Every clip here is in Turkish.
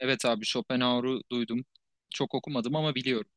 Evet abi Schopenhauer'u duydum. Çok okumadım ama biliyorum.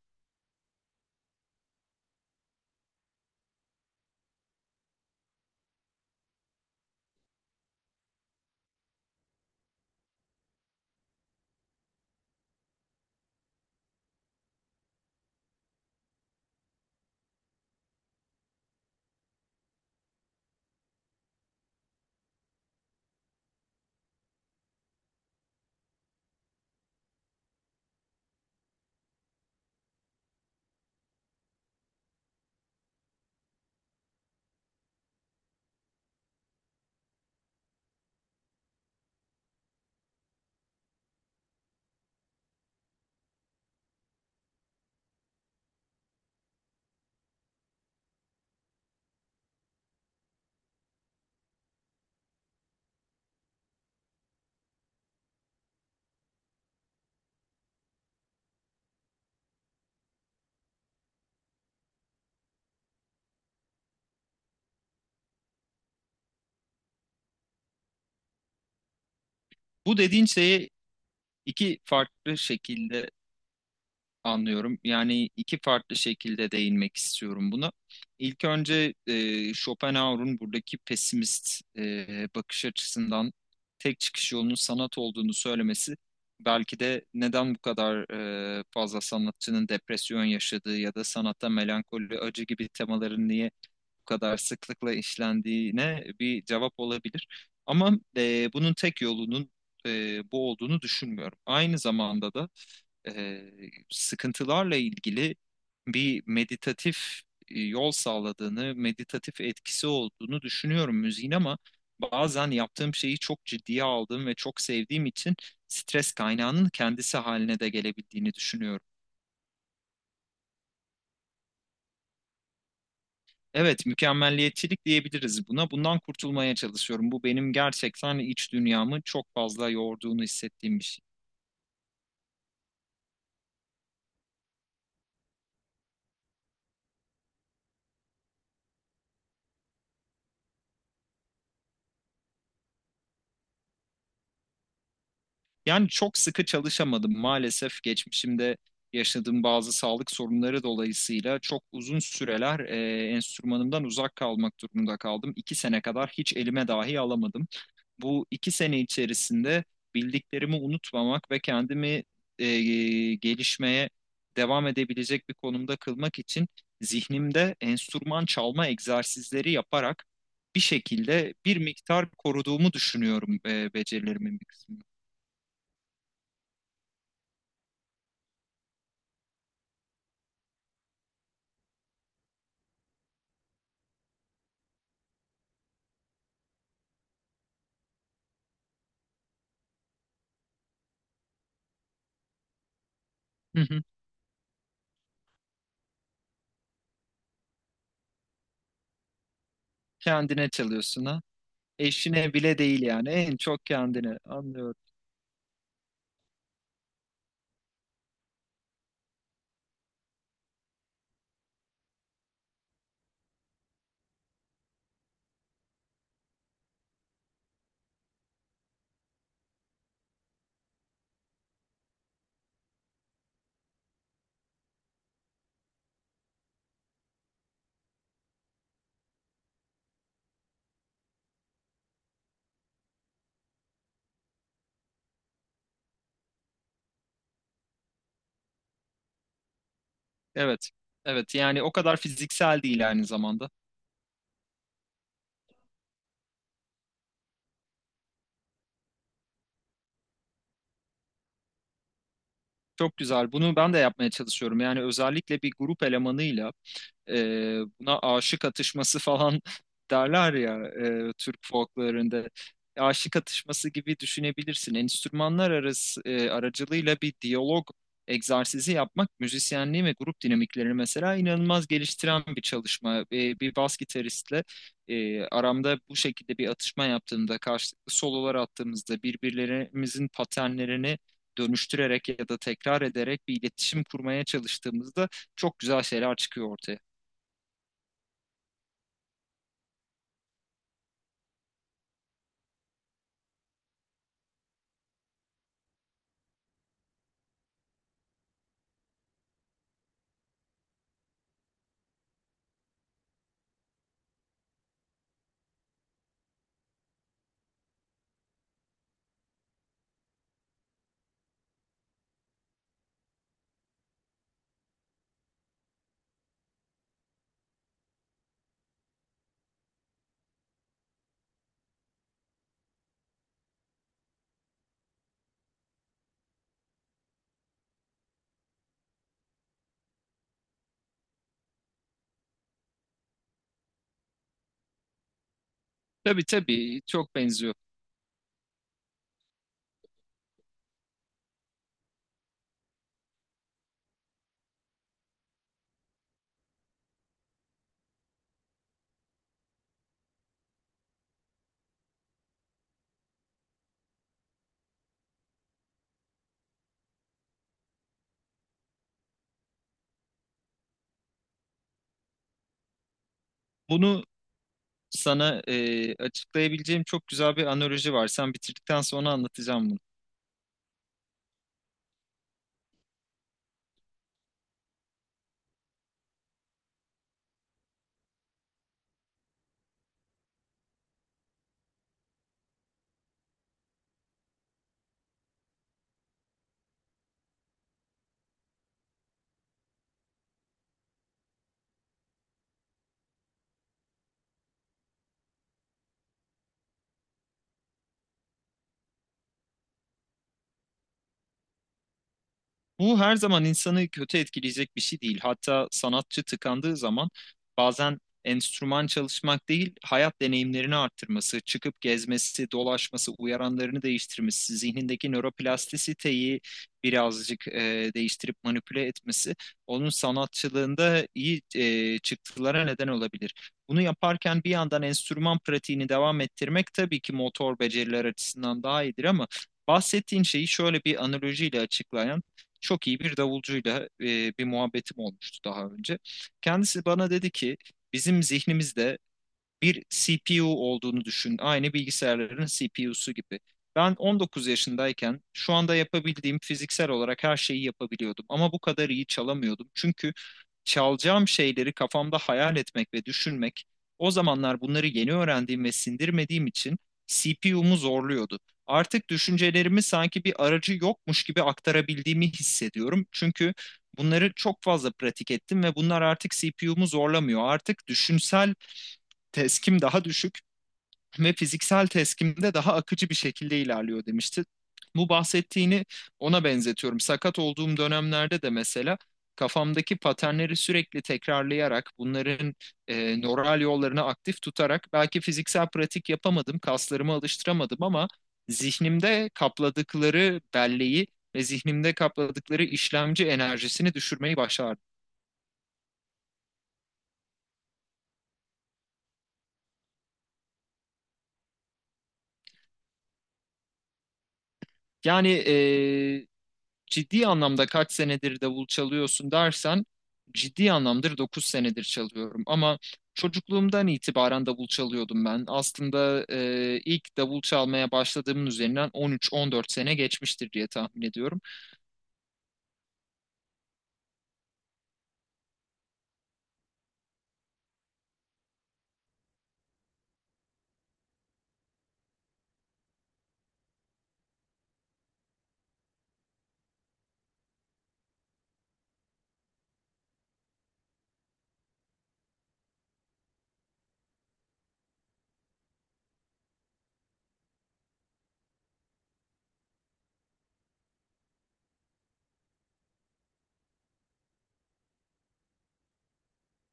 Bu dediğin şeyi iki farklı şekilde anlıyorum. Yani iki farklı şekilde değinmek istiyorum buna. İlk önce Schopenhauer'un buradaki pesimist bakış açısından tek çıkış yolunun sanat olduğunu söylemesi belki de neden bu kadar fazla sanatçının depresyon yaşadığı ya da sanatta melankoli, acı gibi temaların niye bu kadar sıklıkla işlendiğine bir cevap olabilir. Ama bunun tek yolunun bu olduğunu düşünmüyorum. Aynı zamanda da e, sıkıntılarla ilgili bir meditatif yol sağladığını, meditatif etkisi olduğunu düşünüyorum müziğin ama bazen yaptığım şeyi çok ciddiye aldığım ve çok sevdiğim için stres kaynağının kendisi haline de gelebildiğini düşünüyorum. Evet, mükemmelliyetçilik diyebiliriz buna. Bundan kurtulmaya çalışıyorum. Bu benim gerçekten iç dünyamı çok fazla yorduğunu hissettiğim bir şey. Yani çok sıkı çalışamadım maalesef geçmişimde yaşadığım bazı sağlık sorunları dolayısıyla çok uzun süreler enstrümanımdan uzak kalmak durumunda kaldım. İki sene kadar hiç elime dahi alamadım. Bu iki sene içerisinde bildiklerimi unutmamak ve kendimi e, gelişmeye devam edebilecek bir konumda kılmak için zihnimde enstrüman çalma egzersizleri yaparak bir şekilde bir miktar koruduğumu düşünüyorum becerilerimin bir kısmını. Kendine çalıyorsun ha. Eşine bile değil yani. En çok kendine. Anlıyorum. Evet. Evet yani o kadar fiziksel değil aynı zamanda. Çok güzel. Bunu ben de yapmaya çalışıyorum. Yani özellikle bir grup elemanıyla buna aşık atışması falan derler ya Türk folklarında. Aşık atışması gibi düşünebilirsin. Enstrümanlar arası aracılığıyla bir diyalog egzersizi yapmak müzisyenliği ve grup dinamiklerini mesela inanılmaz geliştiren bir çalışma. Bir bas gitaristle aramda bu şekilde bir atışma yaptığımda, karşılıklı sololar attığımızda birbirlerimizin paternlerini dönüştürerek ya da tekrar ederek bir iletişim kurmaya çalıştığımızda çok güzel şeyler çıkıyor ortaya. Tabii tabii, çok benziyor. Bunu sana açıklayabileceğim çok güzel bir analoji var. Sen bitirdikten sonra anlatacağım bunu. Bu her zaman insanı kötü etkileyecek bir şey değil. Hatta sanatçı tıkandığı zaman bazen enstrüman çalışmak değil, hayat deneyimlerini arttırması, çıkıp gezmesi, dolaşması, uyaranlarını değiştirmesi, zihnindeki nöroplastisiteyi birazcık değiştirip manipüle etmesi, onun sanatçılığında iyi çıktılara neden olabilir. Bunu yaparken bir yandan enstrüman pratiğini devam ettirmek tabii ki motor beceriler açısından daha iyidir ama bahsettiğin şeyi şöyle bir analojiyle açıklayan çok iyi bir davulcuyla bir muhabbetim olmuştu daha önce. Kendisi bana dedi ki bizim zihnimizde bir CPU olduğunu düşün. Aynı bilgisayarların CPU'su gibi. Ben 19 yaşındayken şu anda yapabildiğim fiziksel olarak her şeyi yapabiliyordum ama bu kadar iyi çalamıyordum. Çünkü çalacağım şeyleri kafamda hayal etmek ve düşünmek o zamanlar bunları yeni öğrendiğim ve sindirmediğim için CPU'mu zorluyordu. Artık düşüncelerimi sanki bir aracı yokmuş gibi aktarabildiğimi hissediyorum. Çünkü bunları çok fazla pratik ettim ve bunlar artık CPU'mu zorlamıyor. Artık düşünsel teskim daha düşük ve fiziksel teskimde daha akıcı bir şekilde ilerliyor demişti. Bu bahsettiğini ona benzetiyorum. Sakat olduğum dönemlerde de mesela kafamdaki paternleri sürekli tekrarlayarak bunların nöral yollarını aktif tutarak belki fiziksel pratik yapamadım, kaslarımı alıştıramadım ama zihnimde kapladıkları belleği ve zihnimde kapladıkları işlemci enerjisini düşürmeyi başardım. Yani ciddi anlamda kaç senedir davul çalıyorsun dersen ciddi anlamdır 9 senedir çalıyorum ama çocukluğumdan itibaren davul çalıyordum ben. Aslında ilk davul çalmaya başladığımın üzerinden 13-14 sene geçmiştir diye tahmin ediyorum.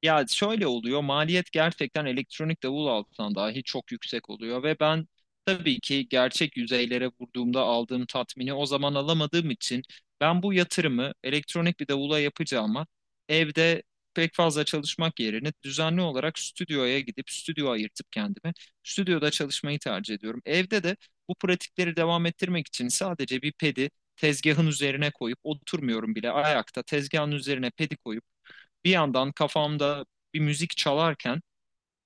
Ya şöyle oluyor, maliyet gerçekten elektronik davul altından dahi çok yüksek oluyor ve ben tabii ki gerçek yüzeylere vurduğumda aldığım tatmini o zaman alamadığım için ben bu yatırımı elektronik bir davula yapacağıma evde pek fazla çalışmak yerine düzenli olarak stüdyoya gidip stüdyo ayırtıp kendime stüdyoda çalışmayı tercih ediyorum. Evde de bu pratikleri devam ettirmek için sadece bir pedi tezgahın üzerine koyup oturmuyorum, bile ayakta tezgahın üzerine pedi koyup bir yandan kafamda bir müzik çalarken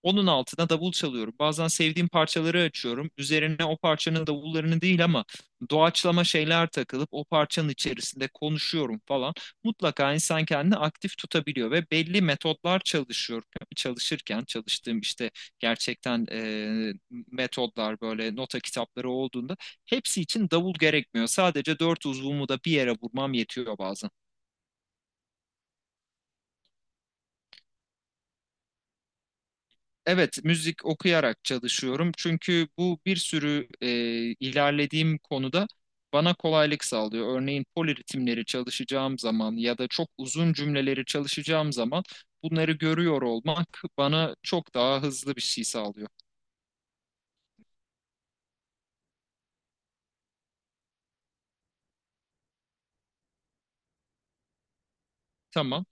onun altına davul çalıyorum. Bazen sevdiğim parçaları açıyorum. Üzerine o parçanın davullarını değil ama doğaçlama şeyler takılıp o parçanın içerisinde konuşuyorum falan. Mutlaka insan kendini aktif tutabiliyor ve belli metotlar çalışıyor, çalışırken çalıştığım işte gerçekten metodlar böyle nota kitapları olduğunda hepsi için davul gerekmiyor. Sadece dört uzvumu da bir yere vurmam yetiyor bazen. Evet, müzik okuyarak çalışıyorum. Çünkü bu bir sürü ilerlediğim konuda bana kolaylık sağlıyor. Örneğin poliritimleri çalışacağım zaman ya da çok uzun cümleleri çalışacağım zaman bunları görüyor olmak bana çok daha hızlı bir şey sağlıyor. Tamam.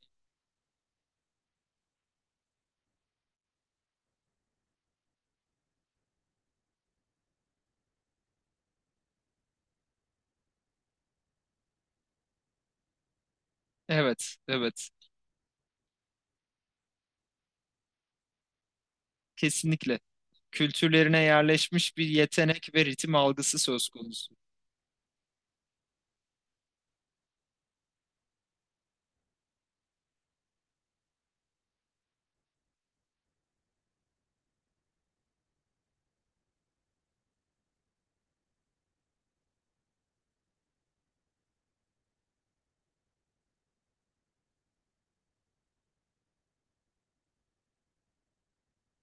Evet, evet. Kesinlikle. Kültürlerine yerleşmiş bir yetenek ve ritim algısı söz konusu.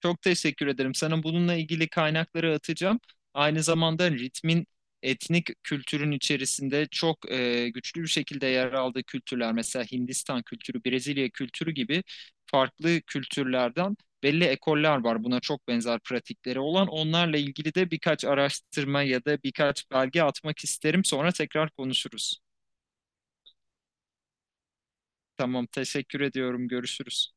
Çok teşekkür ederim. Sana bununla ilgili kaynakları atacağım. Aynı zamanda ritmin etnik kültürün içerisinde çok güçlü bir şekilde yer aldığı kültürler, mesela Hindistan kültürü, Brezilya kültürü gibi farklı kültürlerden belli ekoller var. Buna çok benzer pratikleri olan. Onlarla ilgili de birkaç araştırma ya da birkaç belge atmak isterim. Sonra tekrar konuşuruz. Tamam, teşekkür ediyorum. Görüşürüz.